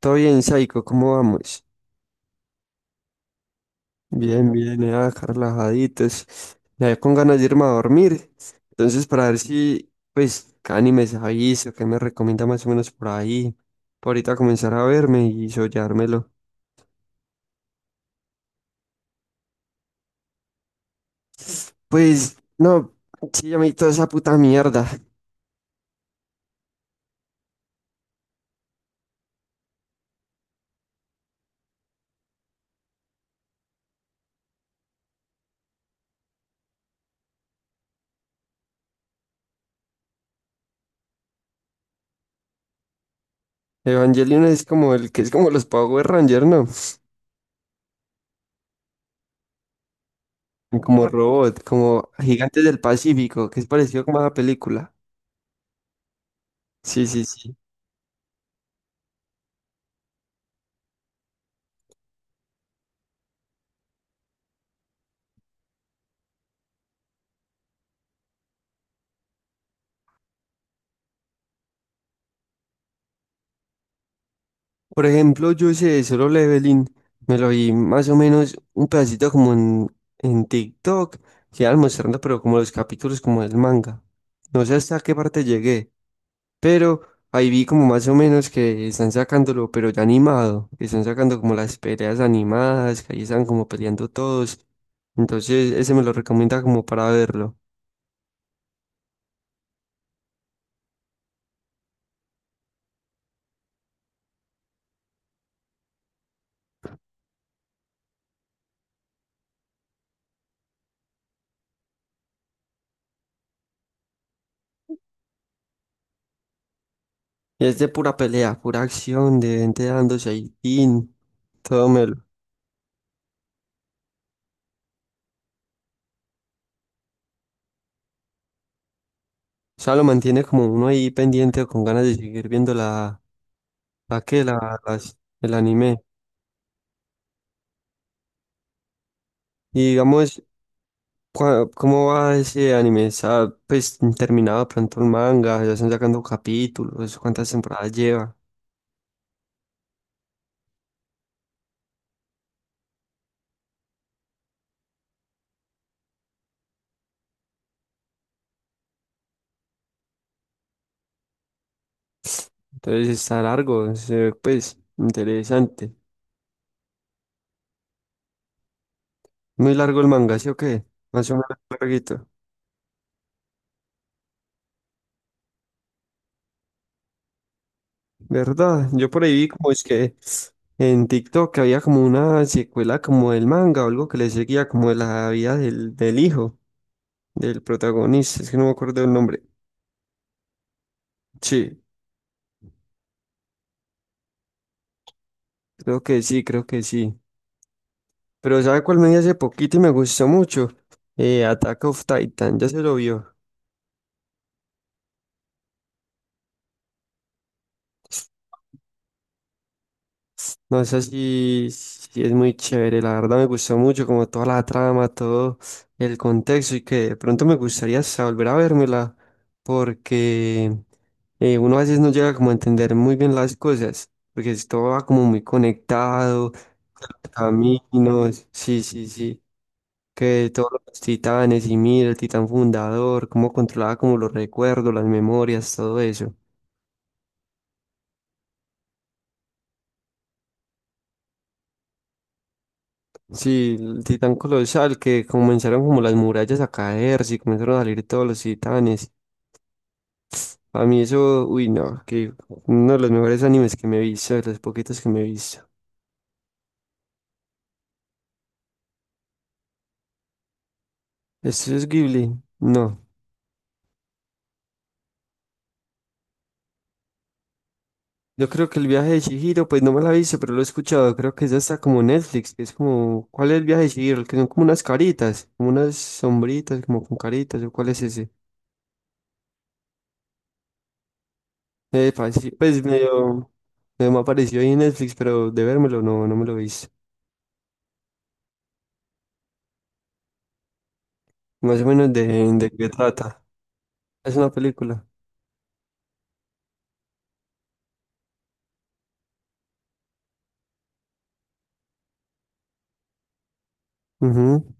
Todo bien, Saiko, ¿cómo vamos? Bien, bien, acá relajaditos. Ya con ganas de irme a dormir. Entonces, para ver si, pues, qué animes aviso, qué me recomienda más o menos por ahí. Por ahorita comenzar a verme y soñármelo. Pues, no, sí, ya me vi toda esa puta mierda. Evangelion es como el que es como los Power Rangers, ¿no? Como robot, como Gigantes del Pacífico, que es parecido como a la película. Sí, sí, sí. Por ejemplo, yo ese de Solo Leveling me lo vi más o menos un pedacito como en TikTok, que iban mostrando, pero como los capítulos como del manga. No sé hasta qué parte llegué, pero ahí vi como más o menos que están sacándolo, pero ya animado, que están sacando como las peleas animadas, que ahí están como peleando todos. Entonces, ese me lo recomienda como para verlo. Y es de pura pelea, pura acción, de gente dándose ahí, tin, todo melo. O sea, lo mantiene como uno ahí pendiente o con ganas de seguir viendo la, la que, la, las- el anime. Y digamos, cua- ¿cómo va ese anime? ¿Está pues terminado pronto el manga? ¿Ya están sacando capítulos? ¿Cuántas temporadas lleva? Entonces está largo, se ve, pues interesante. Muy largo el manga, ¿sí o qué? Más o menos larguito. ¿Verdad? Yo por ahí vi como es que en TikTok había como una secuela como del manga o algo que le seguía como de la vida del hijo. Del protagonista, es que no me acuerdo el nombre. Sí, creo que sí, creo que sí. Pero ¿sabe cuál me vi hace poquito y me gustó mucho? Attack of Titan, ya se lo vio. No sé si es muy chévere, la verdad me gustó mucho, como toda la trama, todo el contexto y que de pronto me gustaría hasta volver a vérmela porque uno a veces no llega como a entender muy bien las cosas, porque es- todo va como muy conectado, caminos, sí, sí, sí, que todos los titanes y mira, el titán fundador, cómo controlaba como los recuerdos, las memorias, todo eso. Sí, el titán colosal, que comenzaron como las murallas a caerse y comenzaron a salir todos los titanes. A mí eso, uy, no, que uno de los mejores animes que me he visto, de los poquitos que me he visto. ¿Esto es Ghibli? No. Yo creo que el viaje de Chihiro, pues no me la he visto, pero lo he escuchado. Creo que es hasta como Netflix, que es como, ¿cuál es el viaje de Chihiro? El que son como unas caritas, como unas sombritas, como con caritas, ¿o cuál es ese? Epa, sí, pues medio, medio me apareció ahí en Netflix, pero de vérmelo no, no me lo hice. Más o menos de qué trata. Es una película. Ujú.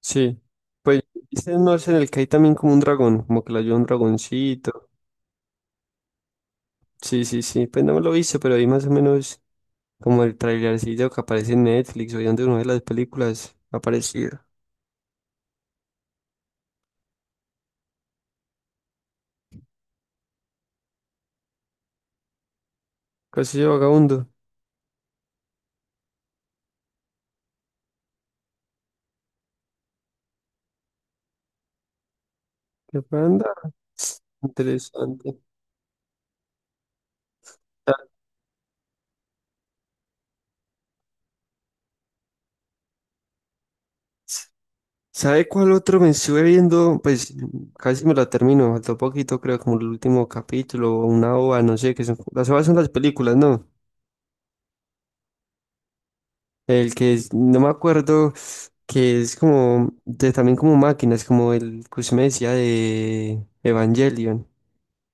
Sí. Pues este no es en el que hay también como un dragón, como que le ayuda un dragoncito. Sí, sí, sí. Pues no me lo hice, pero ahí más o menos como el trailercillo que aparece en Netflix o donde una de las películas ha aparecido. Casi de vagabundo. ¿Qué fue, anda? Interesante. ¿Sabe cuál otro me estuve viendo? Pues casi me lo termino, faltó poquito, creo, como el último capítulo o una ova, no sé, que son, las ovas son las películas, ¿no? El que es- no me acuerdo, que es como, de, también como máquinas, como el que usted me decía de Evangelion,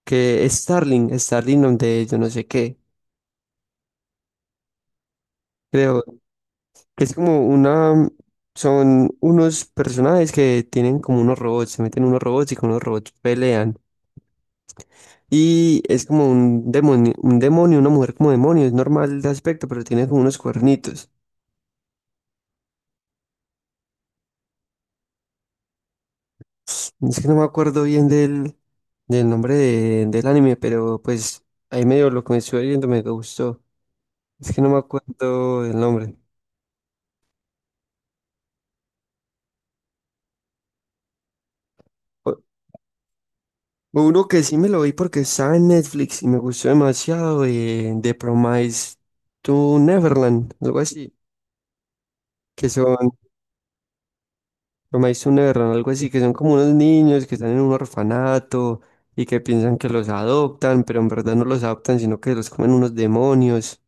que es Starling, Starling donde yo no sé qué, creo, que es como una, son unos personajes que tienen como unos robots, se meten unos robots y con los robots pelean. Y es como un demonio, una mujer como demonio, es normal de aspecto, pero tiene como unos cuernitos. Es que no me acuerdo bien del nombre de- del anime, pero pues ahí medio lo que me estuve viendo me gustó. Es que no me acuerdo del nombre. O- uno que sí me lo vi porque estaba en Netflix y me gustó demasiado, The Promise to Neverland, algo así, que son o me hizo un error, algo así, que son como unos niños que están en un orfanato y que piensan que los adoptan, pero en verdad no los adoptan, sino que los comen unos demonios.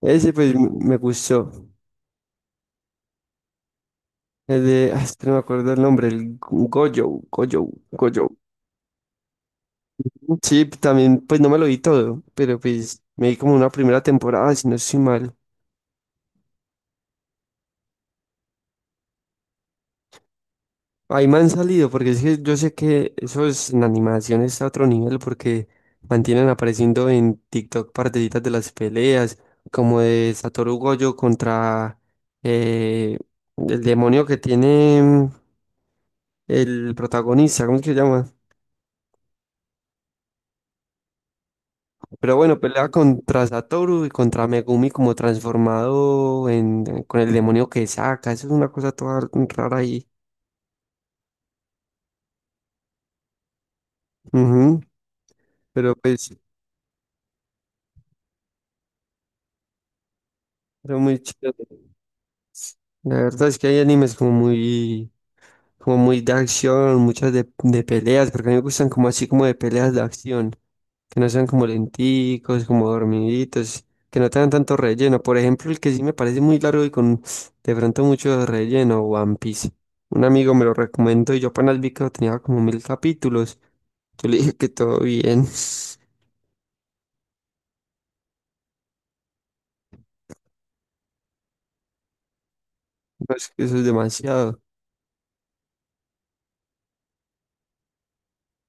Ese pues m- me gustó. El de, ah, es que no me acuerdo el nombre, el Gojo. Sí, también pues no me lo vi todo, pero pues me vi como una primera temporada, si no estoy mal. Ahí me han salido, porque es que yo sé que eso es en animación, está a otro nivel, porque mantienen apareciendo en TikTok partecitas de las peleas, como de Satoru Gojo contra eh, el demonio que tiene el protagonista, ¿cómo es que se llama? Pero bueno, pelea contra Satoru y contra Megumi como transformado en, con el demonio que saca, eso es una cosa toda rara ahí. Ujú. Pero pues, pero muy chido. La verdad es que hay animes como muy de acción, muchas de peleas, porque a mí me gustan como así como de peleas de acción, que no sean como lenticos, como dormiditos, que no tengan tanto relleno. Por ejemplo, el que sí me parece muy largo y con de pronto mucho relleno, One Piece. Un amigo me lo recomendó y yo apenas vi que tenía como mil capítulos. Yo le dije que todo bien. No, es que eso es demasiado.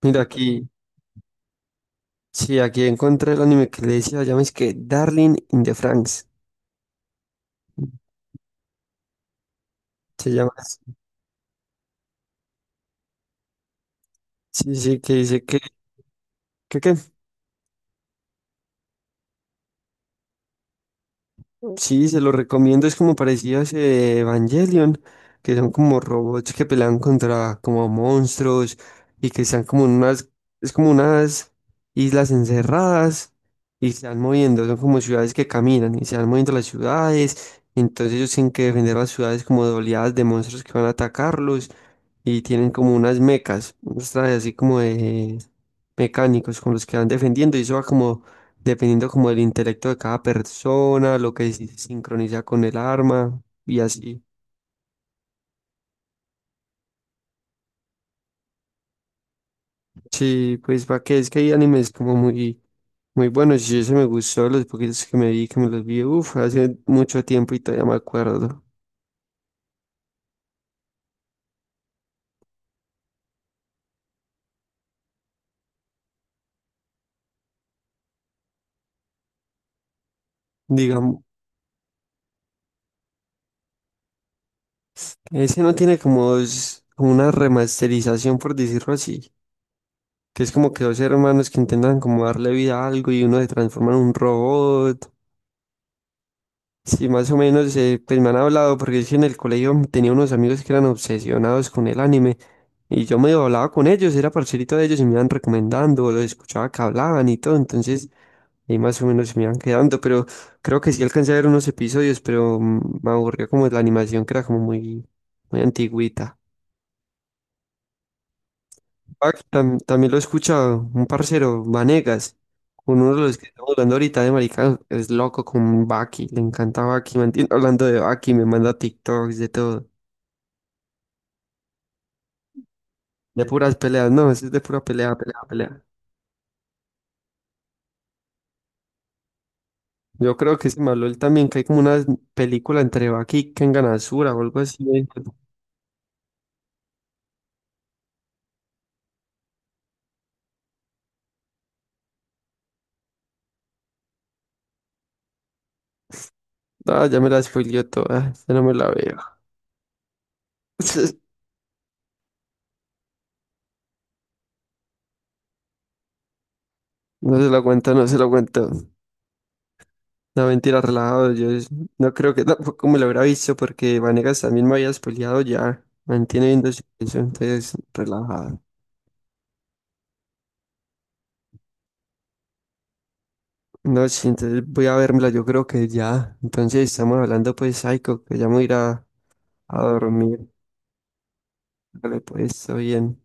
Mira aquí, sí, aquí encontré el anime que le decía, llama es que Darling in the Franxx. Se llama así. Sí, sí, que dice que, que Sí, se lo recomiendo, es como parecido a ese Evangelion, que son como robots que pelean contra como monstruos y que están como en unas, es como unas islas encerradas y se van moviendo, son como ciudades que caminan y se van moviendo las ciudades, entonces ellos tienen que defender las ciudades como de oleadas de monstruos que van a atacarlos y tienen como unas mecas, unos trajes así como de mecánicos con los que van defendiendo y eso va como dependiendo como del intelecto de cada persona, lo que se sincroniza con el arma y así. Sí, pues para que es que hay animes como muy, muy buenos y eso me gustó, los poquitos que me vi, que me los vi, uff, hace mucho tiempo y todavía me acuerdo. Digamos, ese no tiene como dos- como una remasterización, por decirlo así, que es como que dos hermanos que intentan como darle vida a algo y uno se transforma en un robot. Sí, más o menos, pues me han hablado, porque es que en el colegio tenía unos amigos que eran obsesionados con el anime, y yo me hablaba con ellos, era parcerito de ellos y me iban recomendando, los escuchaba que hablaban y todo, entonces ahí más o menos me iban quedando, pero creo que sí alcancé a ver unos episodios, pero me aburrió como la animación que era como muy, muy antigüita. Ah, que tam- también lo he escuchado un parcero, Vanegas, con uno de los que estamos hablando ahorita de maricanos, es loco con Baki, le encanta Baki, mantiene hablando de Baki, me manda TikToks de todo, de puras peleas, no, eso es de pura pelea. Yo creo que se me habló él también, que hay como una película entre Baki y Kengan Asura o algo así. ¿Eh? Ah, ya me la spoileó toda, ya no me la veo. No se lo aguanta, no se lo aguanta. No, mentira, relajado. Yo es- no creo que tampoco me lo hubiera visto porque Vanegas también me había spoileado ya. Mantiene viendo eso, entonces relajado. No, sí, entonces voy a vérmela, yo creo que ya. Entonces estamos hablando pues, Psycho, que ya me voy a ir a dormir. Vale, pues, está bien.